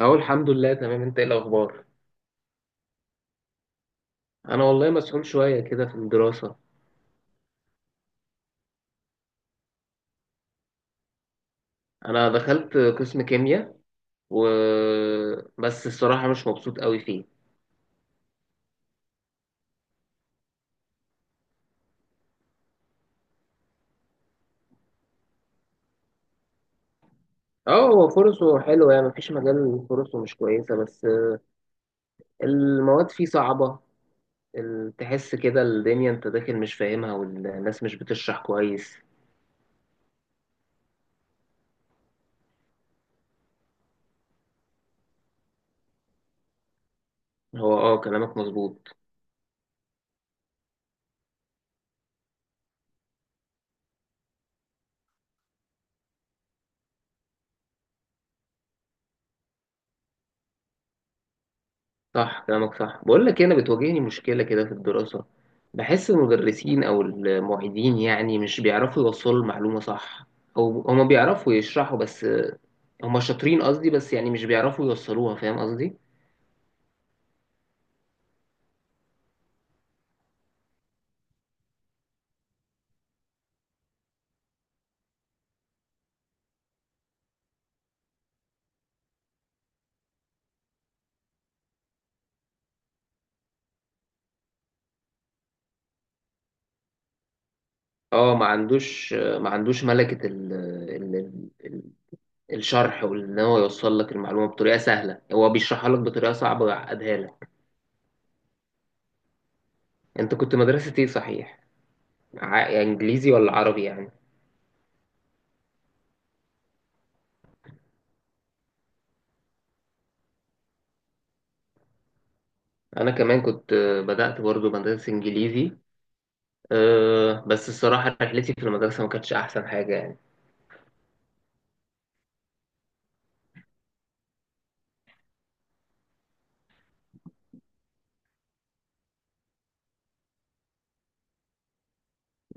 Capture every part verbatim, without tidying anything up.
اهو الحمد لله تمام. انت ايه الاخبار؟ انا والله مسحول شويه كده في الدراسه. انا دخلت قسم كيمياء و بس الصراحه مش مبسوط قوي فيه. اه هو فرصه حلوه، يعني مفيش مجال فرصه مش كويسه، بس المواد فيه صعبه. ال- تحس كده الدنيا انت داخل مش فاهمها، والناس مش بتشرح كويس. هو اه كلامك مظبوط. صح كلامك صح. بقول لك إيه، انا بتواجهني مشكله كده في الدراسه. بحس المدرسين او المعيدين يعني مش بيعرفوا يوصلوا المعلومه صح، او هما بيعرفوا يشرحوا، بس هما شاطرين قصدي، بس يعني مش بيعرفوا يوصلوها، فاهم قصدي؟ اه ما عندوش ما عندوش ملكه ال... ال... ال... الشرح، وان هو يوصل لك المعلومه بطريقه سهله. هو بيشرحها لك بطريقه صعبه ويعقدها لك. انت كنت مدرسه ايه صحيح؟ ع... انجليزي ولا عربي يعني؟ انا كمان كنت بدأت برضو مدرسة انجليزي. أه بس الصراحة رحلتي في المدرسة ما كانتش أحسن حاجة يعني.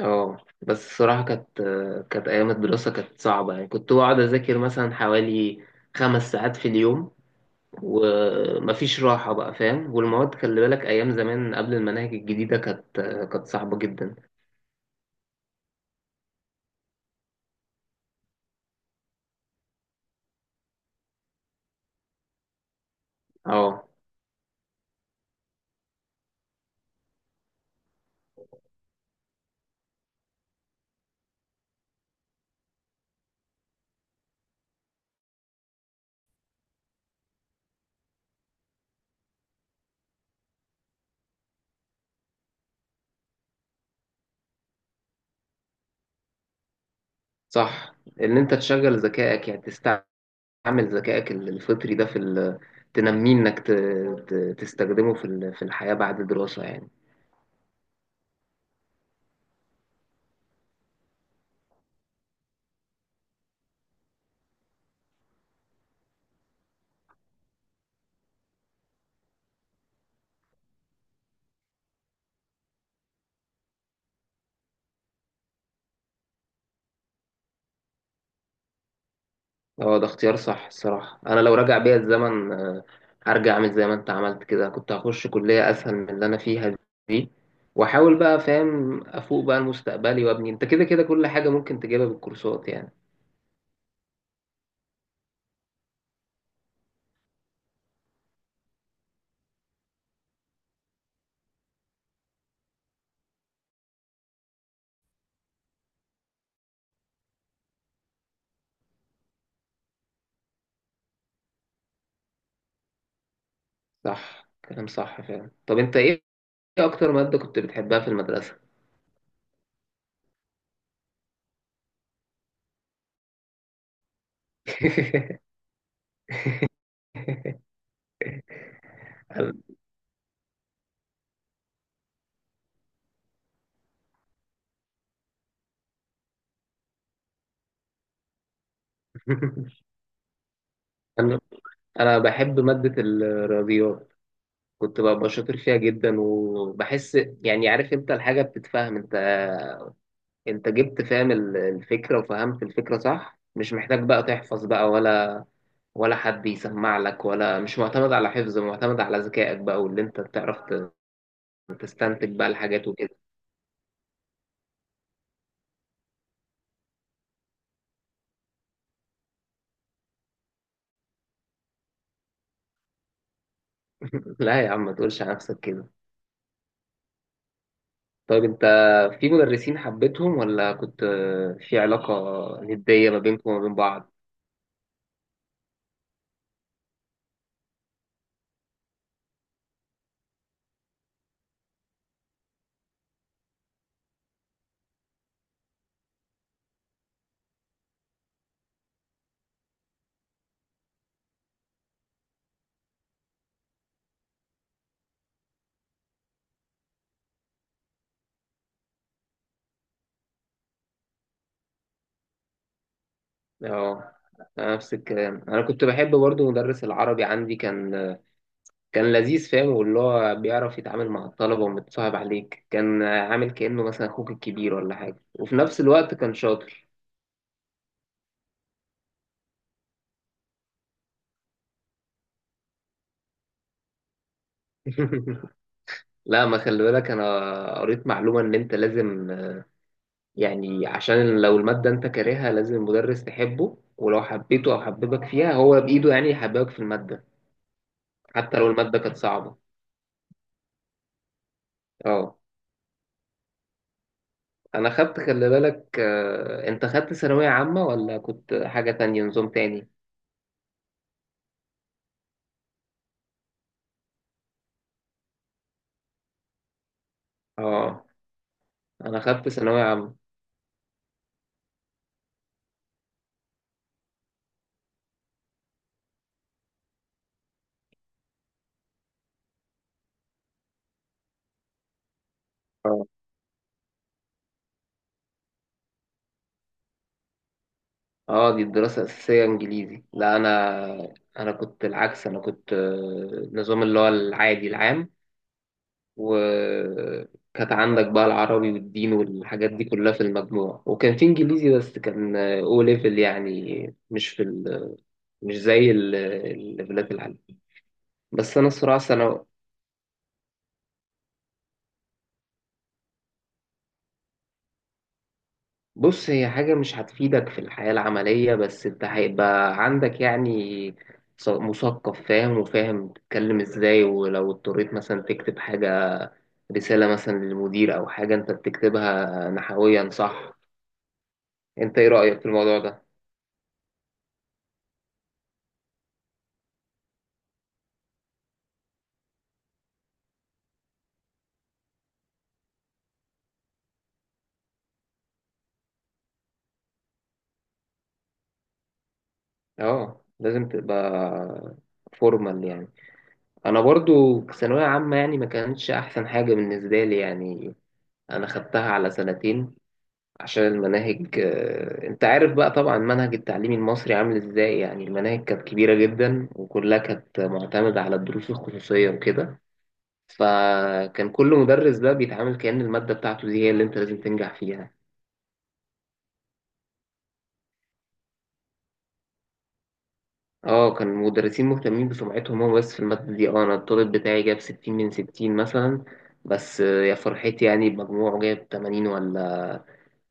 اه بس الصراحة كانت آه، كانت أيام الدراسة كانت صعبة يعني. كنت بقعد أذاكر مثلا حوالي خمس ساعات في اليوم ومفيش راحة بقى، فاهم؟ والمواد خلي بالك أيام زمان قبل المناهج الجديدة كانت آه، كانت صعبة جدا. اه صح. إن أنت تشغل ذكائك، يعني تستعمل ذكائك الفطري ده في ال- تنميه، إنك ت- ت- تستخدمه في ال- في الحياة بعد الدراسة يعني. اه ده اختيار صح الصراحة. أنا لو رجع بيا الزمن آه، هرجع أعمل زي ما أنت عملت كده. كنت هخش كلية أسهل من اللي أنا فيها دي، وأحاول بقى، فاهم، أفوق بقى لمستقبلي وأبني. أنت كده كده كل حاجة ممكن تجيبها بالكورسات يعني. صح كلام صح فعلا. طب أنت إيه، إيه أكتر مادة كنت بتحبها في المدرسة؟ أنا أنا بحب مادة الرياضيات. كنت ببقى شاطر فيها جدا، وبحس يعني، عارف أنت، الحاجة بتتفهم. أنت انت جبت فاهم ال- الفكرة، وفهمت الفكرة صح، مش محتاج بقى تحفظ بقى ولا ولا حد يسمع لك، ولا مش معتمد على حفظ، معتمد على ذكائك بقى، واللي انت بتعرف ت- تستنتج بقى الحاجات وكده. لا يا عم ما تقولش على نفسك كده. طيب انت، في مدرسين حبيتهم ولا كنت في علاقة ندية ما بينكم وما بين بعض؟ اه أنا نفس الكلام. انا كنت بحب برضو مدرس العربي عندي. كان كان لذيذ فاهم، واللي هو بيعرف يتعامل مع الطلبة ومتصاحب عليك. كان عامل كأنه مثلا أخوك الكبير ولا حاجة، وفي نفس الوقت كان شاطر. لا ما خلي بالك، أنا قريت معلومة إن أنت لازم يعني، عشان لو المادة أنت كارهها لازم المدرس تحبه، ولو حبيته أو حببك فيها هو بإيده يعني يحببك في المادة حتى لو المادة كانت صعبة. اه أنا خدت خلي بالك، آه، أنت خدت ثانوية عامة ولا كنت حاجة تانية نظام تاني؟ اه أنا خدت ثانوية عامة. آه. اه دي الدراسة الأساسية إنجليزي. لا أنا، أنا كنت العكس. أنا كنت آه، نظام اللي هو العادي العام. وكانت عندك بقى العربي والدين والحاجات دي كلها في المجموع، وكان في إنجليزي بس كان أو ليفل يعني، مش في ال... مش زي ال- الليفلات العالية. بس أنا الصراحة سنة. بص هي حاجة مش هتفيدك في الحياة العملية، بس أنت هيبقى عندك يعني مثقف فاهم، وفاهم تتكلم ازاي. ولو اضطريت مثلا تكتب حاجة، رسالة مثلا للمدير أو حاجة، أنت بتكتبها نحويا صح. أنت إيه رأيك في الموضوع ده؟ أه لازم تبقى فورمال يعني. أنا برضو في ثانوية عامة يعني ما كانتش أحسن حاجة بالنسبة لي يعني. أنا خدتها على سنتين عشان المناهج آه، أنت عارف بقى طبعا منهج التعليم المصري عامل إزاي. يعني المناهج كانت كبيرة جدا وكلها كانت معتمدة على الدروس الخصوصية وكده. فكان كل مدرس بقى بيتعامل كأن المادة بتاعته دي هي اللي أنت لازم تنجح فيها. اه كان المدرسين مهتمين بسمعتهم هو بس في المادة دي. اه انا الطالب بتاعي جاب ستين من ستين مثلا، بس آه، يا فرحتي يعني بمجموعه جاب تمانين ولا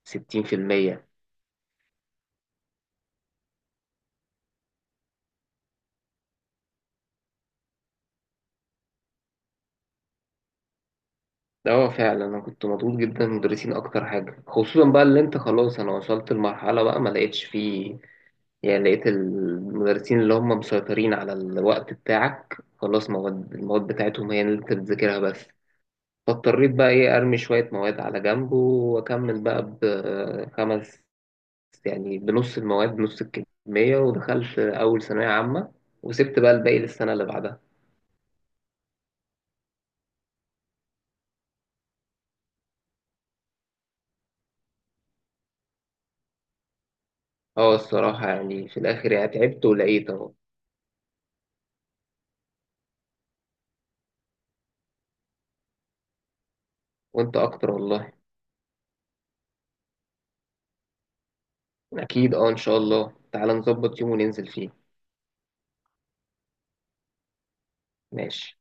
ستين في المية. اه فعلا انا كنت مضغوط جدا من المدرسين اكتر حاجة، خصوصا بقى اللي انت خلاص. انا وصلت لمرحلة بقى ما لقيتش فيه يعني. لقيت المدرسين اللي هم مسيطرين على الوقت بتاعك، خلاص مواد المواد بتاعتهم هي اللي انت بتذاكرها بس. فاضطريت بقى ايه، ارمي شوية مواد على جنب واكمل بقى بخمس، يعني بنص المواد بنص الكمية، ودخلت أول ثانوية عامة، وسبت بقى الباقي للسنة اللي بعدها. اه الصراحة يعني في الآخر يعني تعبت ولقيت أهو. وأنت أكتر والله. أكيد. اه إن شاء الله تعالى نظبط يوم وننزل فيه. ماشي.